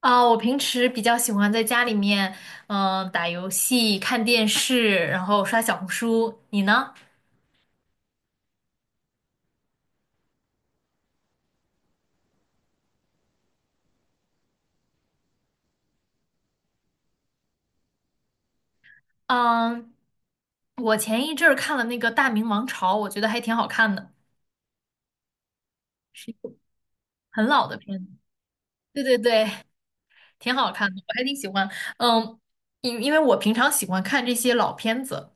啊，我平时比较喜欢在家里面，嗯，打游戏、看电视，然后刷小红书。你呢？嗯，我前一阵儿看了那个《大明王朝》，我觉得还挺好看的，是一部很老的片子。对对对，挺好看的，我还挺喜欢。嗯，因为我平常喜欢看这些老片子。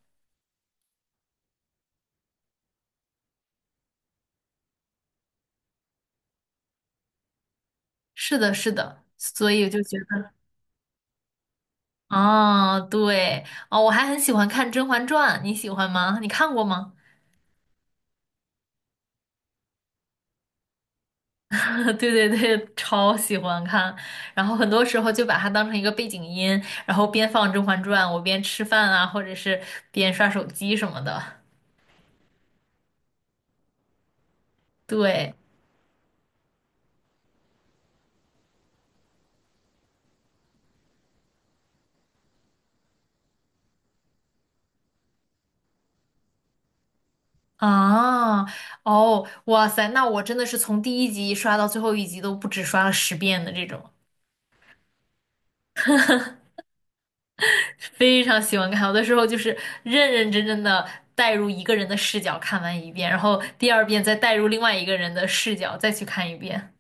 是的，是的，所以我就觉得，啊，对，哦，我还很喜欢看《甄嬛传》，你喜欢吗？你看过吗？对对对，超喜欢看，然后很多时候就把它当成一个背景音，然后边放《甄嬛传》，我边吃饭啊，或者是边刷手机什么的。对啊，哦，哇塞，那我真的是从第一集刷到最后一集都不止刷了十遍的这种，非常喜欢看。有的时候就是认认真真的带入一个人的视角看完一遍，然后第二遍再带入另外一个人的视角再去看一遍。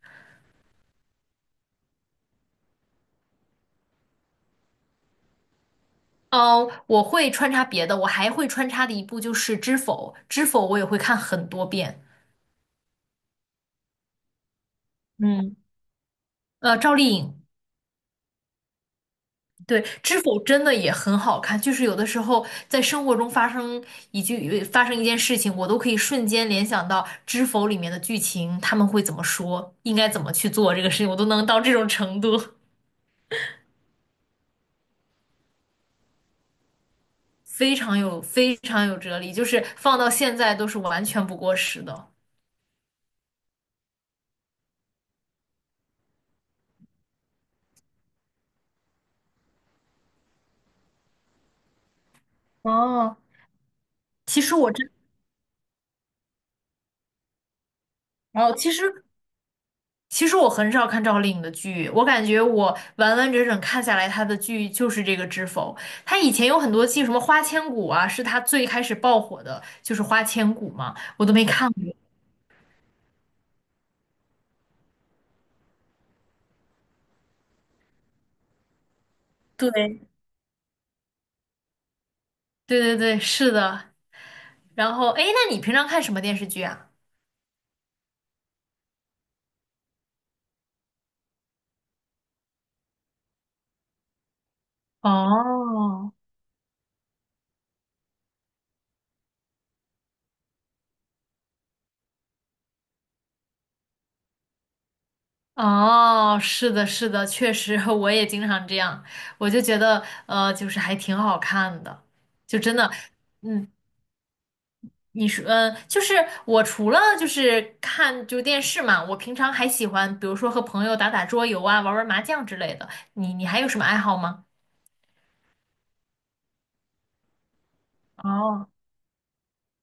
哦，我会穿插别的，我还会穿插的一部就是《知否》，《知否》我也会看很多遍。嗯，赵丽颖，对，《知否》真的也很好看，就是有的时候在生活中发生发生一件事情，我都可以瞬间联想到《知否》里面的剧情，他们会怎么说，应该怎么去做这个事情，我都能到这种程度，非常有哲理，就是放到现在都是完全不过时的。哦，其实我真，哦，其实我很少看赵丽颖的剧，我感觉我完完整整看下来，她的剧就是这个《知否》。她以前有很多季，什么《花千骨》啊，是她最开始爆火的，就是《花千骨》嘛，我都没看过。对，对对对，是的。然后，哎，那你平常看什么电视剧啊？哦，哦，是的，是的，确实，我也经常这样，我就觉得，就是还挺好看的，就真的，嗯，你说，嗯，就是我除了就是看电视嘛，我平常还喜欢，比如说和朋友打打桌游啊，玩玩麻将之类的。你还有什么爱好吗？哦，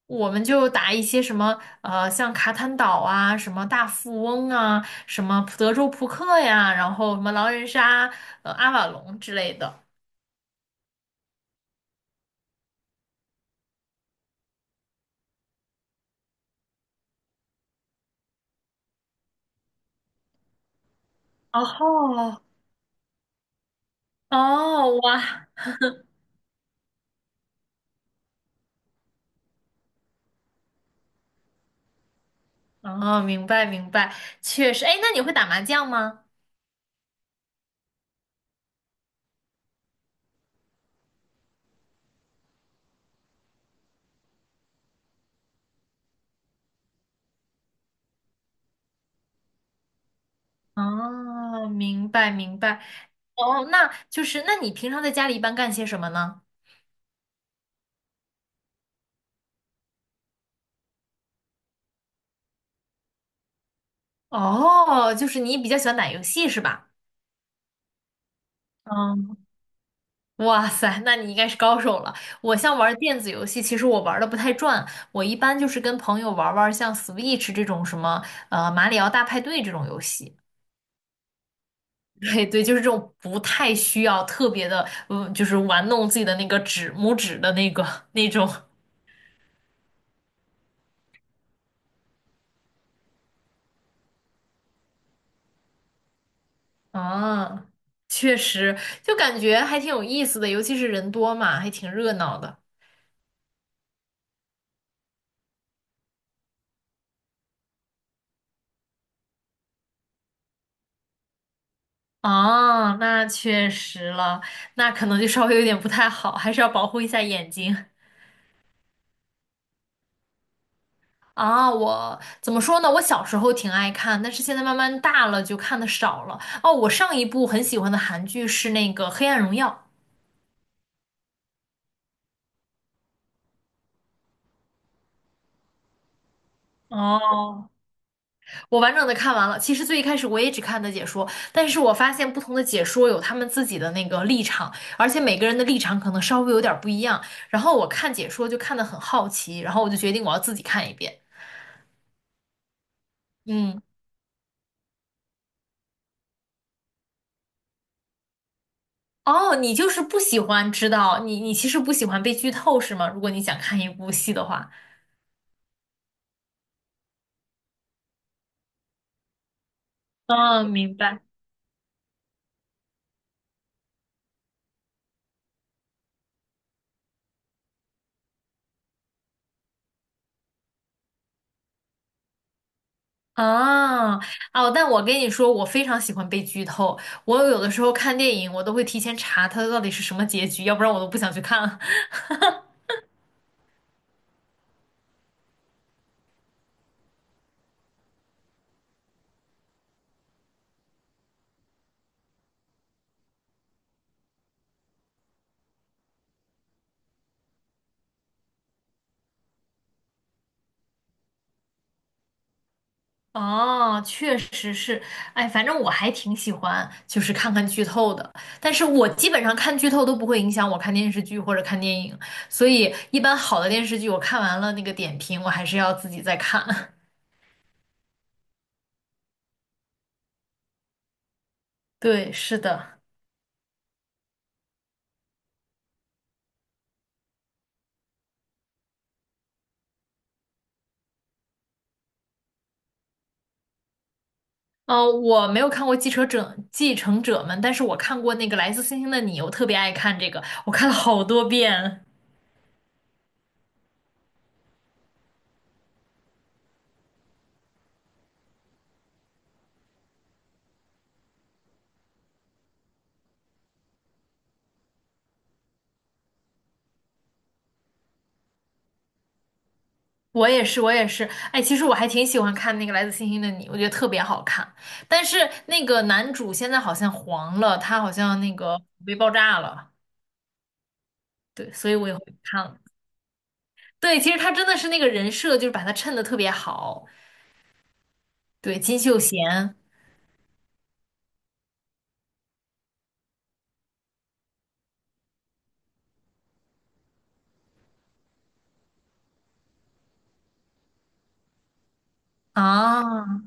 我们就打一些什么像卡坦岛啊，什么大富翁啊，什么德州扑克呀，然后什么狼人杀、阿瓦隆之类的。哦哦，哇，哦，明白明白，确实。哎，那你会打麻将吗？哦，明白明白。哦，那就是，那你平常在家里一般干些什么呢？哦，就是你比较喜欢打游戏是吧？嗯，哇塞，那你应该是高手了。我像玩电子游戏，其实我玩的不太转，我一般就是跟朋友玩玩像 Switch 这种什么马里奥大派对这种游戏。对对，就是这种不太需要特别的，嗯，就是玩弄自己的那个拇指的那个那种。啊，确实，就感觉还挺有意思的，尤其是人多嘛，还挺热闹的。哦，那确实了，那可能就稍微有点不太好，还是要保护一下眼睛。啊，我怎么说呢？我小时候挺爱看，但是现在慢慢大了就看的少了。哦，我上一部很喜欢的韩剧是那个《黑暗荣耀》。哦，我完整的看完了。其实最一开始我也只看的解说，但是我发现不同的解说有他们自己的那个立场，而且每个人的立场可能稍微有点儿不一样。然后我看解说就看得很好奇，然后我就决定我要自己看一遍。嗯，哦，你就是不喜欢知道，你其实不喜欢被剧透是吗？如果你想看一部戏的话，嗯，明白。啊哦，但我跟你说，我非常喜欢被剧透。我有的时候看电影，我都会提前查它到底是什么结局，要不然我都不想去看了。哦，确实是，哎，反正我还挺喜欢，就是看看剧透的。但是我基本上看剧透都不会影响我看电视剧或者看电影，所以一般好的电视剧我看完了那个点评，我还是要自己再看。对，是的，哦，我没有看过《继承者们》，但是我看过那个《来自星星的你》，我特别爱看这个，我看了好多遍。我也是，我也是。哎，其实我还挺喜欢看那个《来自星星的你》，我觉得特别好看。但是那个男主现在好像黄了，他好像那个被爆炸了，对，所以我也会不看了。对，其实他真的是那个人设，就是把他衬得特别好。对，金秀贤啊，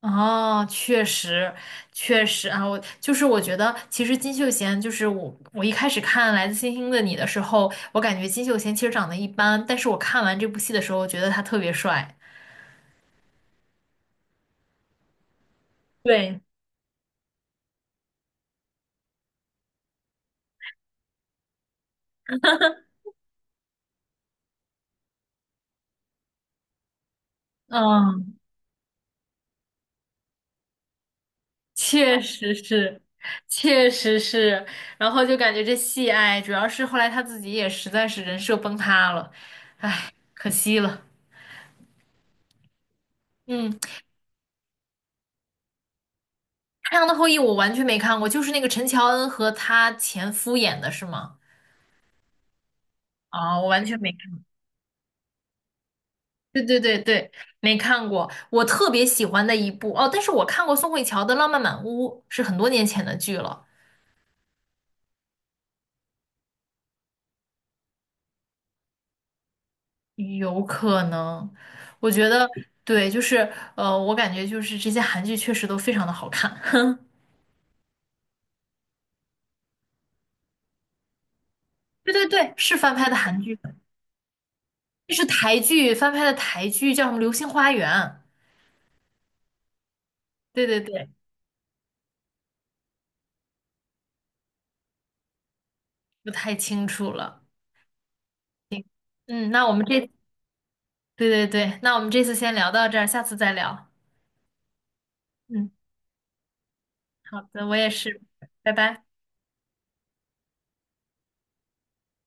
哦，确实，确实啊，我就是我觉得，其实金秀贤就是我，我一开始看《来自星星的你》的时候，我感觉金秀贤其实长得一般，但是我看完这部戏的时候，我觉得他特别帅。对，嗯，确实是，确实是，然后就感觉这戏，哎，主要是后来他自己也实在是人设崩塌了，可惜了。嗯，《太阳的后裔》我完全没看过，就是那个陈乔恩和她前夫演的是吗？啊、我完全没看，对对对对，没看过。我特别喜欢的一部哦，但是我看过宋慧乔的《浪漫满屋》，是很多年前的剧了，有可能。我觉得对，我感觉就是这些韩剧确实都非常的好看。对对对，是翻拍的韩剧，这是台剧翻拍的台剧，叫什么《流星花园》？对对对，不太清楚了。嗯，那我们这，对对对，那我们这次先聊到这儿，下次再聊。嗯，好的，我也是，拜拜。